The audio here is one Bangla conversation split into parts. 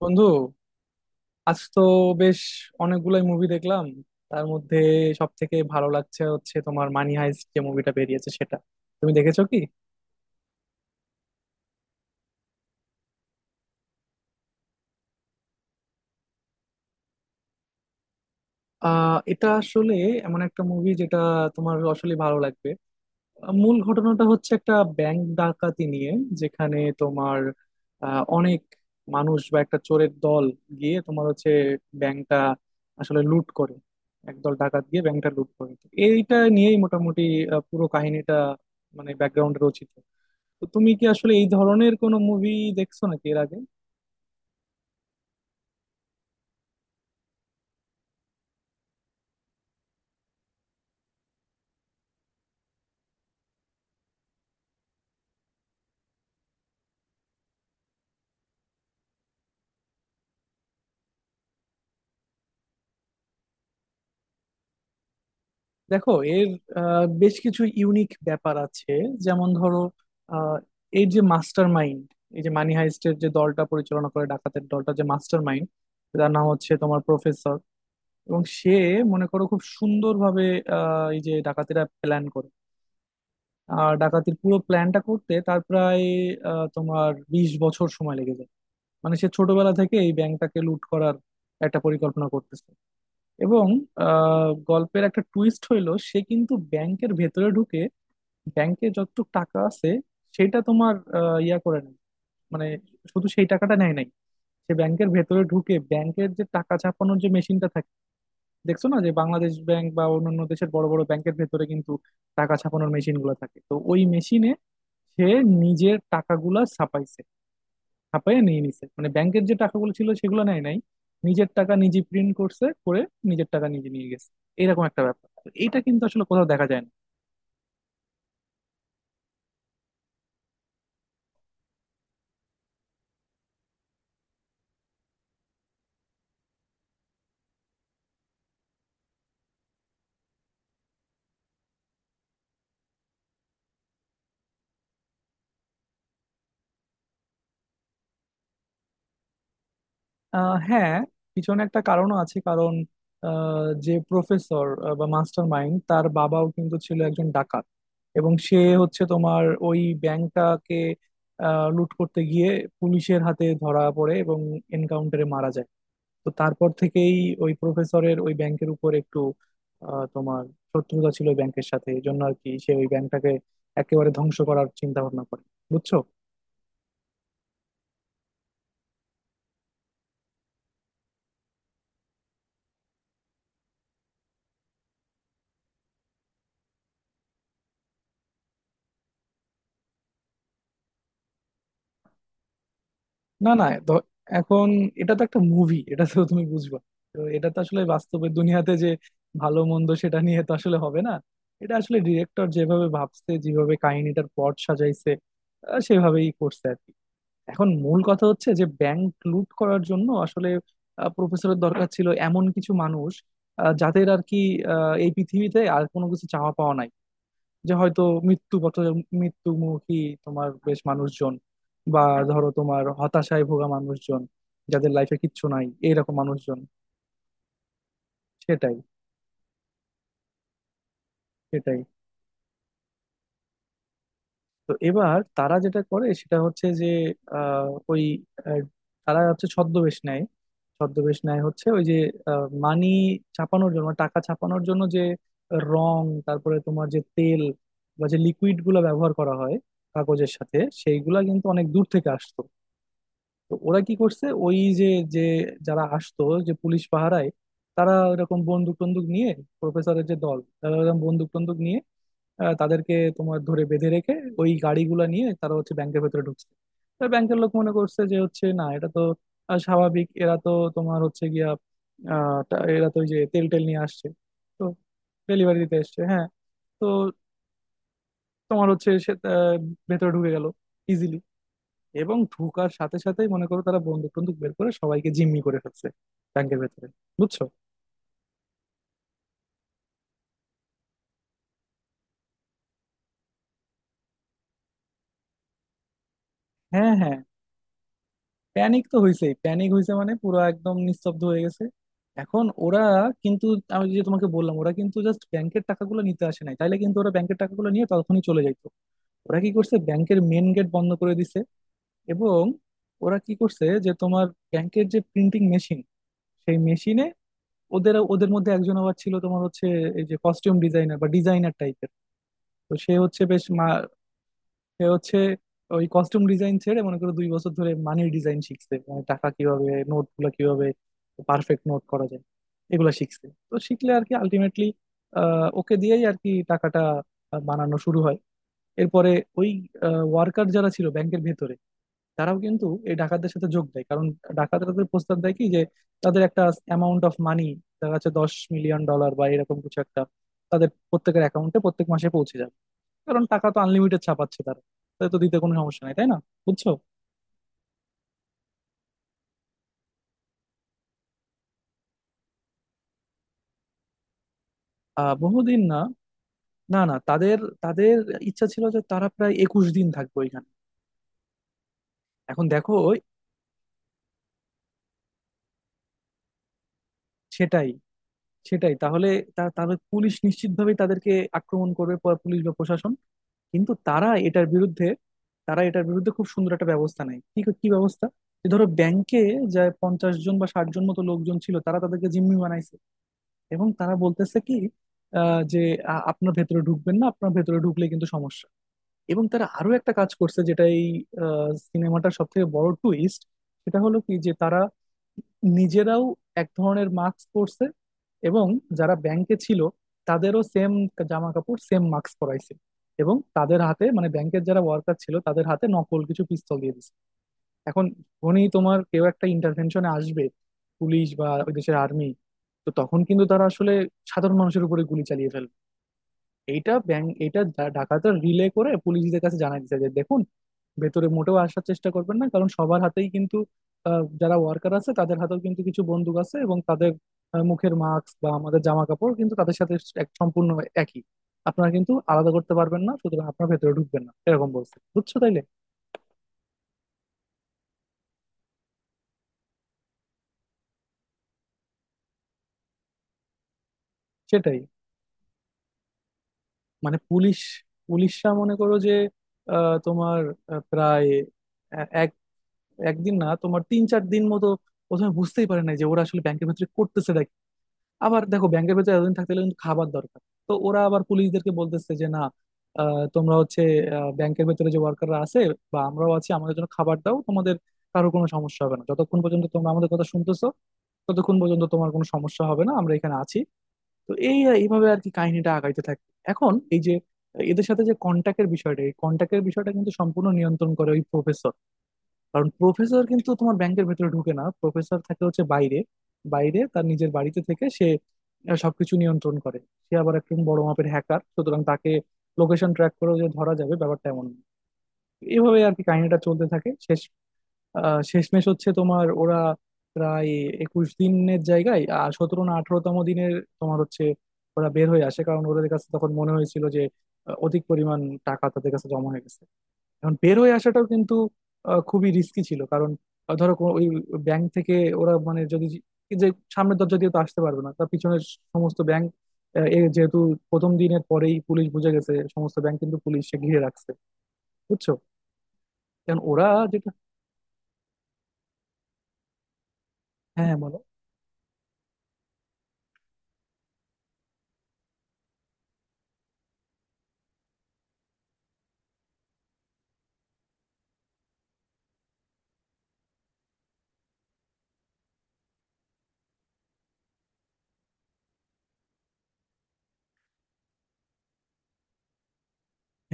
বন্ধু, আজ তো বেশ অনেকগুলাই মুভি দেখলাম। তার মধ্যে সব থেকে ভালো লাগছে হচ্ছে তোমার মানি হাইস্ট যে মুভিটা বেরিয়েছে সেটা। তুমি দেখেছো কি? এটা আসলে এমন একটা মুভি যেটা তোমার আসলে ভালো লাগবে। মূল ঘটনাটা হচ্ছে একটা ব্যাংক ডাকাতি নিয়ে, যেখানে তোমার অনেক মানুষ বা একটা চোরের দল গিয়ে তোমার হচ্ছে ব্যাংকটা আসলে লুট করে। একদল ডাকাত গিয়ে ব্যাংকটা লুট করে, তো এইটা নিয়েই মোটামুটি পুরো কাহিনীটা মানে ব্যাকগ্রাউন্ডে রচিত। তো তুমি কি আসলে এই ধরনের কোনো মুভি দেখছো নাকি এর আগে? দেখো, এর বেশ কিছু ইউনিক ব্যাপার আছে। যেমন ধরো, আহ, এর যে মাস্টার মাইন্ড, এই যে মানি হাইস্টের যে দলটা পরিচালনা করে, ডাকাতের দলটা যে মাস্টার মাইন্ড, তার নাম হচ্ছে তোমার প্রফেসর। এবং সে মনে করো খুব সুন্দরভাবে, এই যে ডাকাতিরা প্ল্যান করে। আর ডাকাতির পুরো প্ল্যানটা করতে তার প্রায় তোমার 20 বছর সময় লেগে যায়। মানে সে ছোটবেলা থেকে এই ব্যাংকটাকে লুট করার একটা পরিকল্পনা করতেছে। এবং গল্পের একটা টুইস্ট হইলো সে কিন্তু ব্যাংকের ভেতরে ঢুকে ব্যাংকে যতটুকু টাকা আছে সেটা তোমার ইয়া করে নেয়। মানে শুধু সেই টাকাটা নেয় নাই, সে ব্যাংকের ভেতরে ঢুকে ব্যাংকের যে টাকা ছাপানোর যে মেশিনটা থাকে, দেখছো না যে বাংলাদেশ ব্যাংক বা অন্যান্য দেশের বড় বড় ব্যাংকের ভেতরে কিন্তু টাকা ছাপানোর মেশিন গুলো থাকে, তো ওই মেশিনে সে নিজের টাকাগুলা ছাপাইছে, হাঁপাইয়া নিয়ে নিছে। মানে ব্যাংকের যে টাকাগুলো ছিল সেগুলো নেয় নাই, নিজের টাকা নিজে প্রিন্ট করছে করে নিজের টাকা নিজে নিয়ে গেছে। এরকম একটা ব্যাপার, তো এইটা কিন্তু আসলে কোথাও দেখা যায় না। হ্যাঁ, পিছনে একটা কারণও আছে। কারণ যে প্রফেসর বা মাস্টার মাইন্ড তার বাবাও কিন্তু ছিল একজন ডাকাত। এবং সে হচ্ছে তোমার ওই ব্যাংকটাকে লুট করতে গিয়ে পুলিশের হাতে ধরা পড়ে এবং এনকাউন্টারে মারা যায়। তো তারপর থেকেই ওই প্রফেসরের ওই ব্যাংকের উপর একটু তোমার শত্রুতা ছিল ওই ব্যাংকের সাথে। এই জন্য আর কি সে ওই ব্যাংকটাকে একেবারে ধ্বংস করার চিন্তা ভাবনা করে, বুঝছো? না, না, এখন এটা তো একটা মুভি, এটা তো তুমি বুঝবা। তো এটা তো আসলে বাস্তবের দুনিয়াতে যে ভালো মন্দ সেটা নিয়ে তো আসলে হবে না। এটা আসলে ডিরেক্টর যেভাবে ভাবছে, যেভাবে কাহিনীটার পট সাজাইছে, সেভাবেই করছে আর কি। এখন মূল কথা হচ্ছে যে ব্যাংক লুট করার জন্য আসলে প্রফেসরের দরকার ছিল এমন কিছু মানুষ, যাদের আর কি এই পৃথিবীতে আর কোনো কিছু চাওয়া পাওয়া নাই। যে হয়তো মৃত্যু পথ, মৃত্যুমুখী তোমার বেশ মানুষজন, বা ধরো তোমার হতাশায় ভোগা মানুষজন, যাদের লাইফে কিচ্ছু নাই এইরকম মানুষজন। সেটাই, সেটাই। তো এবার তারা যেটা করে সেটা হচ্ছে যে, আহ, ওই আহ, তারা হচ্ছে ছদ্মবেশ নেয়। ছদ্মবেশ নেয় হচ্ছে ওই যে মানি ছাপানোর জন্য, টাকা ছাপানোর জন্য যে রং, তারপরে তোমার যে তেল বা যে লিকুইড গুলো ব্যবহার করা হয় কাগজের সাথে, সেইগুলা কিন্তু অনেক দূর থেকে আসতো। তো ওরা কি করছে, ওই যে, যে যারা আসতো যে পুলিশ পাহারায়, তারা এরকম বন্দুক টন্দুক নিয়ে, প্রফেসরের যে দল তারা এরকম বন্দুক টন্দুক নিয়ে তাদেরকে তোমার ধরে বেঁধে রেখে ওই গাড়িগুলো নিয়ে তারা হচ্ছে ব্যাংকের ভেতরে ঢুকছে। তো ব্যাংকের লোক মনে করছে যে হচ্ছে না এটা তো স্বাভাবিক। এরা তো তোমার হচ্ছে গিয়া এরা তো ওই যে তেল টেল নিয়ে আসছে। তো ডেলিভারি দিতে এসছে, হ্যাঁ। তো তোমার হচ্ছে সে ভেতরে ঢুকে গেল ইজিলি, এবং ঢুকার সাথে সাথেই মনে করো তারা বন্দুক টন্দুক বের করে সবাইকে জিম্মি করে ফেলছে ব্যাংকের ভেতরে, বুঝছো? হ্যাঁ, হ্যাঁ। প্যানিক তো হয়েছে, প্যানিক হয়েছে মানে পুরো একদম নিস্তব্ধ হয়ে গেছে। এখন ওরা কিন্তু, আমি যে তোমাকে বললাম, ওরা কিন্তু জাস্ট ব্যাংকের টাকাগুলো নিতে আসে নাই, তাইলে কিন্তু ওরা ব্যাংকের টাকাগুলো নিয়ে তখনই চলে যাইতো। ওরা কি করছে, ব্যাংকের মেন গেট বন্ধ করে দিছে। এবং ওরা কি করছে যে তোমার ব্যাংকের যে প্রিন্টিং মেশিন সেই মেশিনে, ওদের ওদের মধ্যে একজন আবার ছিল তোমার হচ্ছে এই যে কস্টিউম ডিজাইনার বা ডিজাইনার টাইপের। তো সে হচ্ছে বেশ, এ হচ্ছে ওই কস্টিউম ডিজাইন ছেড়ে মনে করো 2 বছর ধরে মানি ডিজাইন শিখছে, মানে টাকা কিভাবে, নোট গুলা কিভাবে পারফেক্ট নোট করা যায় এগুলা শিখছে। তো শিখলে আর কি আলটিমেটলি ওকে দিয়েই আর কি টাকাটা বানানো শুরু হয়। এরপরে ওই ওয়ার্কার যারা ছিল ব্যাংকের ভেতরে, তারাও কিন্তু এই ডাকাতদের সাথে যোগ দেয়। কারণ ডাকাতরা তো প্রস্তাব দেয় কি, যে তাদের একটা অ্যামাউন্ট অফ মানি, তার কাছে 10 মিলিয়ন ডলার বা এরকম কিছু একটা, তাদের প্রত্যেকের অ্যাকাউন্টে প্রত্যেক মাসে পৌঁছে যাবে। কারণ টাকা তো আনলিমিটেড ছাপাচ্ছে তারা, তাদের তো দিতে কোনো সমস্যা নাই, তাই না? বুঝছো? বহুদিন না। না, না, তাদের তাদের ইচ্ছা ছিল যে তারা প্রায় 21 দিন থাকবে ওইখানে। এখন দেখো, সেটাই, সেটাই তাহলে। তাহলে পুলিশ নিশ্চিতভাবেই তাদেরকে আক্রমণ করবে, পুলিশ বা প্রশাসন। কিন্তু তারা এটার বিরুদ্ধে খুব সুন্দর একটা ব্যবস্থা নেয়। কি কি ব্যবস্থা? যে ধরো ব্যাংকে যায় 50 জন বা 60 জন মতো লোকজন ছিল, তারা তাদেরকে জিম্মি বানাইছে। এবং তারা বলতেছে কি, যে আপনার ভেতরে ঢুকবেন না, আপনার ভেতরে ঢুকলে কিন্তু সমস্যা। এবং তারা আরো একটা কাজ করছে, যেটা এই সিনেমাটার সব থেকে বড় টুইস্ট, সেটা হলো কি যে, তারা নিজেরাও এক ধরনের মাস্ক পরছে। এবং যারা ব্যাংকে ছিল তাদেরও সেম জামা কাপড়, সেম মাস্ক পরাইছে। এবং তাদের হাতে, মানে ব্যাংকের যারা ওয়ার্কার ছিল, তাদের হাতে নকল কিছু পিস্তল দিয়ে দিছে। এখন যখনই তোমার কেউ একটা ইন্টারভেনশনে আসবে, পুলিশ বা ওই দেশের আর্মি, তো তখন কিন্তু তারা আসলে সাধারণ মানুষের উপরে গুলি চালিয়ে ফেলবে, এইটা ব্যাংক, এটা ডাকাতরা রিলে করে পুলিশদের কাছে জানায় দিতে যে দেখুন, ভেতরে মোটেও আসার চেষ্টা করবেন না, কারণ সবার হাতেই কিন্তু, যারা ওয়ার্কার আছে তাদের হাতেও কিন্তু কিছু বন্দুক আছে, এবং তাদের মুখের মাস্ক বা আমাদের জামা কাপড় কিন্তু তাদের সাথে এক সম্পূর্ণ একই, আপনারা কিন্তু আলাদা করতে পারবেন না, সুতরাং আপনারা ভেতরে ঢুকবেন না, এরকম বলছে, বুঝছো তাইলে? সেটাই। মানে পুলিশরা মনে করো যে তোমার প্রায় এক একদিন না, তোমার 3-4 দিন মতো প্রথমে বুঝতেই পারে না যে ওরা আসলে ব্যাংকের ভিতরে করতেছে নাকি। আবার দেখো ব্যাংকের ভিতরে এতদিন থাকতে গেলে কিন্তু খাবার দরকার। তো ওরা আবার পুলিশদেরকে বলতেছে যে না, তোমরা হচ্ছে ব্যাংকের ভিতরে যে ওয়ার্কাররা আছে বা আমরাও আছি, আমাদের জন্য খাবার দাও। তোমাদের কারো কোনো সমস্যা হবে না, যতক্ষণ পর্যন্ত তোমরা আমাদের কথা শুনতেছো ততক্ষণ পর্যন্ত তোমার কোনো সমস্যা হবে না, আমরা এখানে আছি। তো এইভাবে আর কি কাহিনীটা আগাইতে থাকে। এখন এই যে এদের সাথে যে কন্টাক্টের বিষয়টা, এই কন্টাক্টের বিষয়টা কিন্তু সম্পূর্ণ নিয়ন্ত্রণ করে ওই প্রফেসর। কারণ প্রফেসর কিন্তু তোমার ব্যাংকের ভেতরে ঢুকে না, প্রফেসর থাকে হচ্ছে বাইরে। বাইরে তার নিজের বাড়িতে থেকে সে সবকিছু নিয়ন্ত্রণ করে। সে আবার একজন বড় মাপের হ্যাকার, সুতরাং তাকে লোকেশন ট্র্যাক করেও যে ধরা যাবে ব্যাপারটা এমন না। এইভাবে আর কি কাহিনীটা চলতে থাকে। শেষ, শেষমেশ হচ্ছে তোমার ওরা প্রায় একুশ দিনের জায়গায় আর সতেরো না আঠারোতম দিনের তোমার হচ্ছে ওরা বের হয়ে আসে, কারণ ওদের কাছে তখন মনে হয়েছিল যে অধিক পরিমাণ টাকা তাদের কাছে জমা হয়ে গেছে। এখন বের হয়ে আসাটাও কিন্তু খুবই রিস্কি ছিল, কারণ ধরো ওই ব্যাংক থেকে ওরা, মানে যদি, যে সামনের দরজা দিয়ে তো আসতে পারবে না, তার পিছনের সমস্ত ব্যাংক, যেহেতু প্রথম দিনের পরেই পুলিশ বুঝে গেছে, সমস্ত ব্যাংক কিন্তু পুলিশে ঘিরে রাখছে, বুঝছো? কারণ ওরা যেটা, হ্যাঁ, বলো।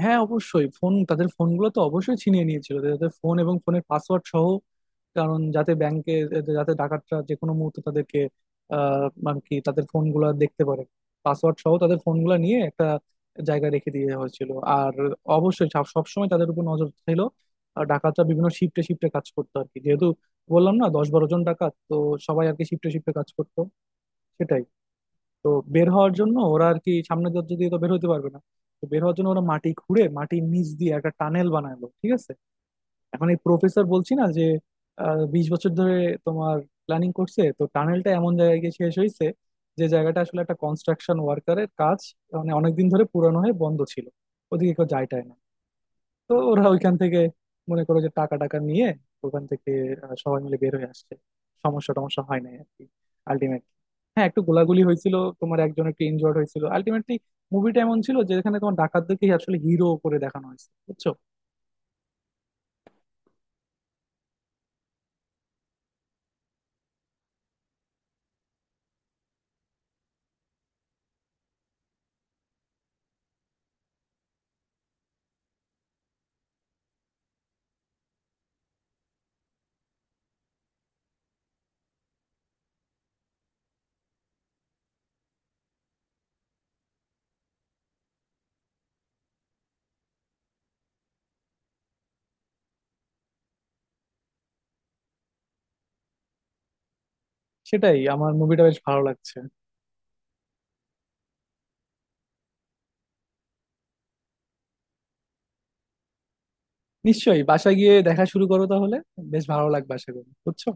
হ্যাঁ, অবশ্যই ফোন, তাদের ফোনগুলো তো অবশ্যই ছিনিয়ে নিয়েছিল তাদের ফোন এবং ফোনের পাসওয়ার্ড সহ। কারণ যাতে ব্যাংকে, যাতে ডাকাতরা যে কোনো মুহূর্তে তাদেরকে, মানে কি তাদের ফোনগুলো দেখতে পারে, পাসওয়ার্ড সহ তাদের ফোনগুলো নিয়ে একটা জায়গায় রেখে দিয়ে হয়েছিল। আর অবশ্যই সবসময় তাদের উপর নজর ছিল। আর ডাকাতরা বিভিন্ন শিফটে শিফটে কাজ করতো আর কি, যেহেতু বললাম না 10-12 জন ডাকাত তো, সবাই আর কি শিফটে শিফটে কাজ করতো। সেটাই। তো বের হওয়ার জন্য ওরা আর কি সামনে দরজা দিয়ে তো বের হতে পারবে না। তো বের হওয়ার জন্য ওরা মাটি খুঁড়ে মাটির নিচ দিয়ে একটা টানেল বানালো, ঠিক আছে। এখন এই প্রফেসর বলছি না যে 20 বছর ধরে তোমার প্ল্যানিং করছে, তো টানেলটা এমন জায়গায় গিয়ে শেষ হয়েছে যে জায়গাটা আসলে একটা কনস্ট্রাকশন ওয়ার্কারের কাজ, মানে অনেকদিন ধরে পুরানো হয়ে বন্ধ ছিল, ওদিকে কেউ যায় টায় না। তো ওরা ওইখান থেকে মনে করো যে টাকা টাকা নিয়ে ওখান থেকে সবাই মিলে বের হয়ে আসছে। সমস্যা টমস্যা হয় নাই আর কি, আলটিমেটলি। হ্যাঁ, একটু গোলাগুলি হয়েছিল, তোমার একজন একটু ইনজয়ার্ড হয়েছিল আলটিমেটলি। মুভিটা এমন ছিল যে এখানে তোমার ডাকাতদেরকেই আসলে হিরো করে দেখানো হয়েছে, বুঝছো? সেটাই, আমার মুভিটা বেশ ভালো লাগছে। নিশ্চয়ই বাসায় গিয়ে দেখা শুরু করো তাহলে, বেশ ভালো লাগবে আশা করি, বুঝছো?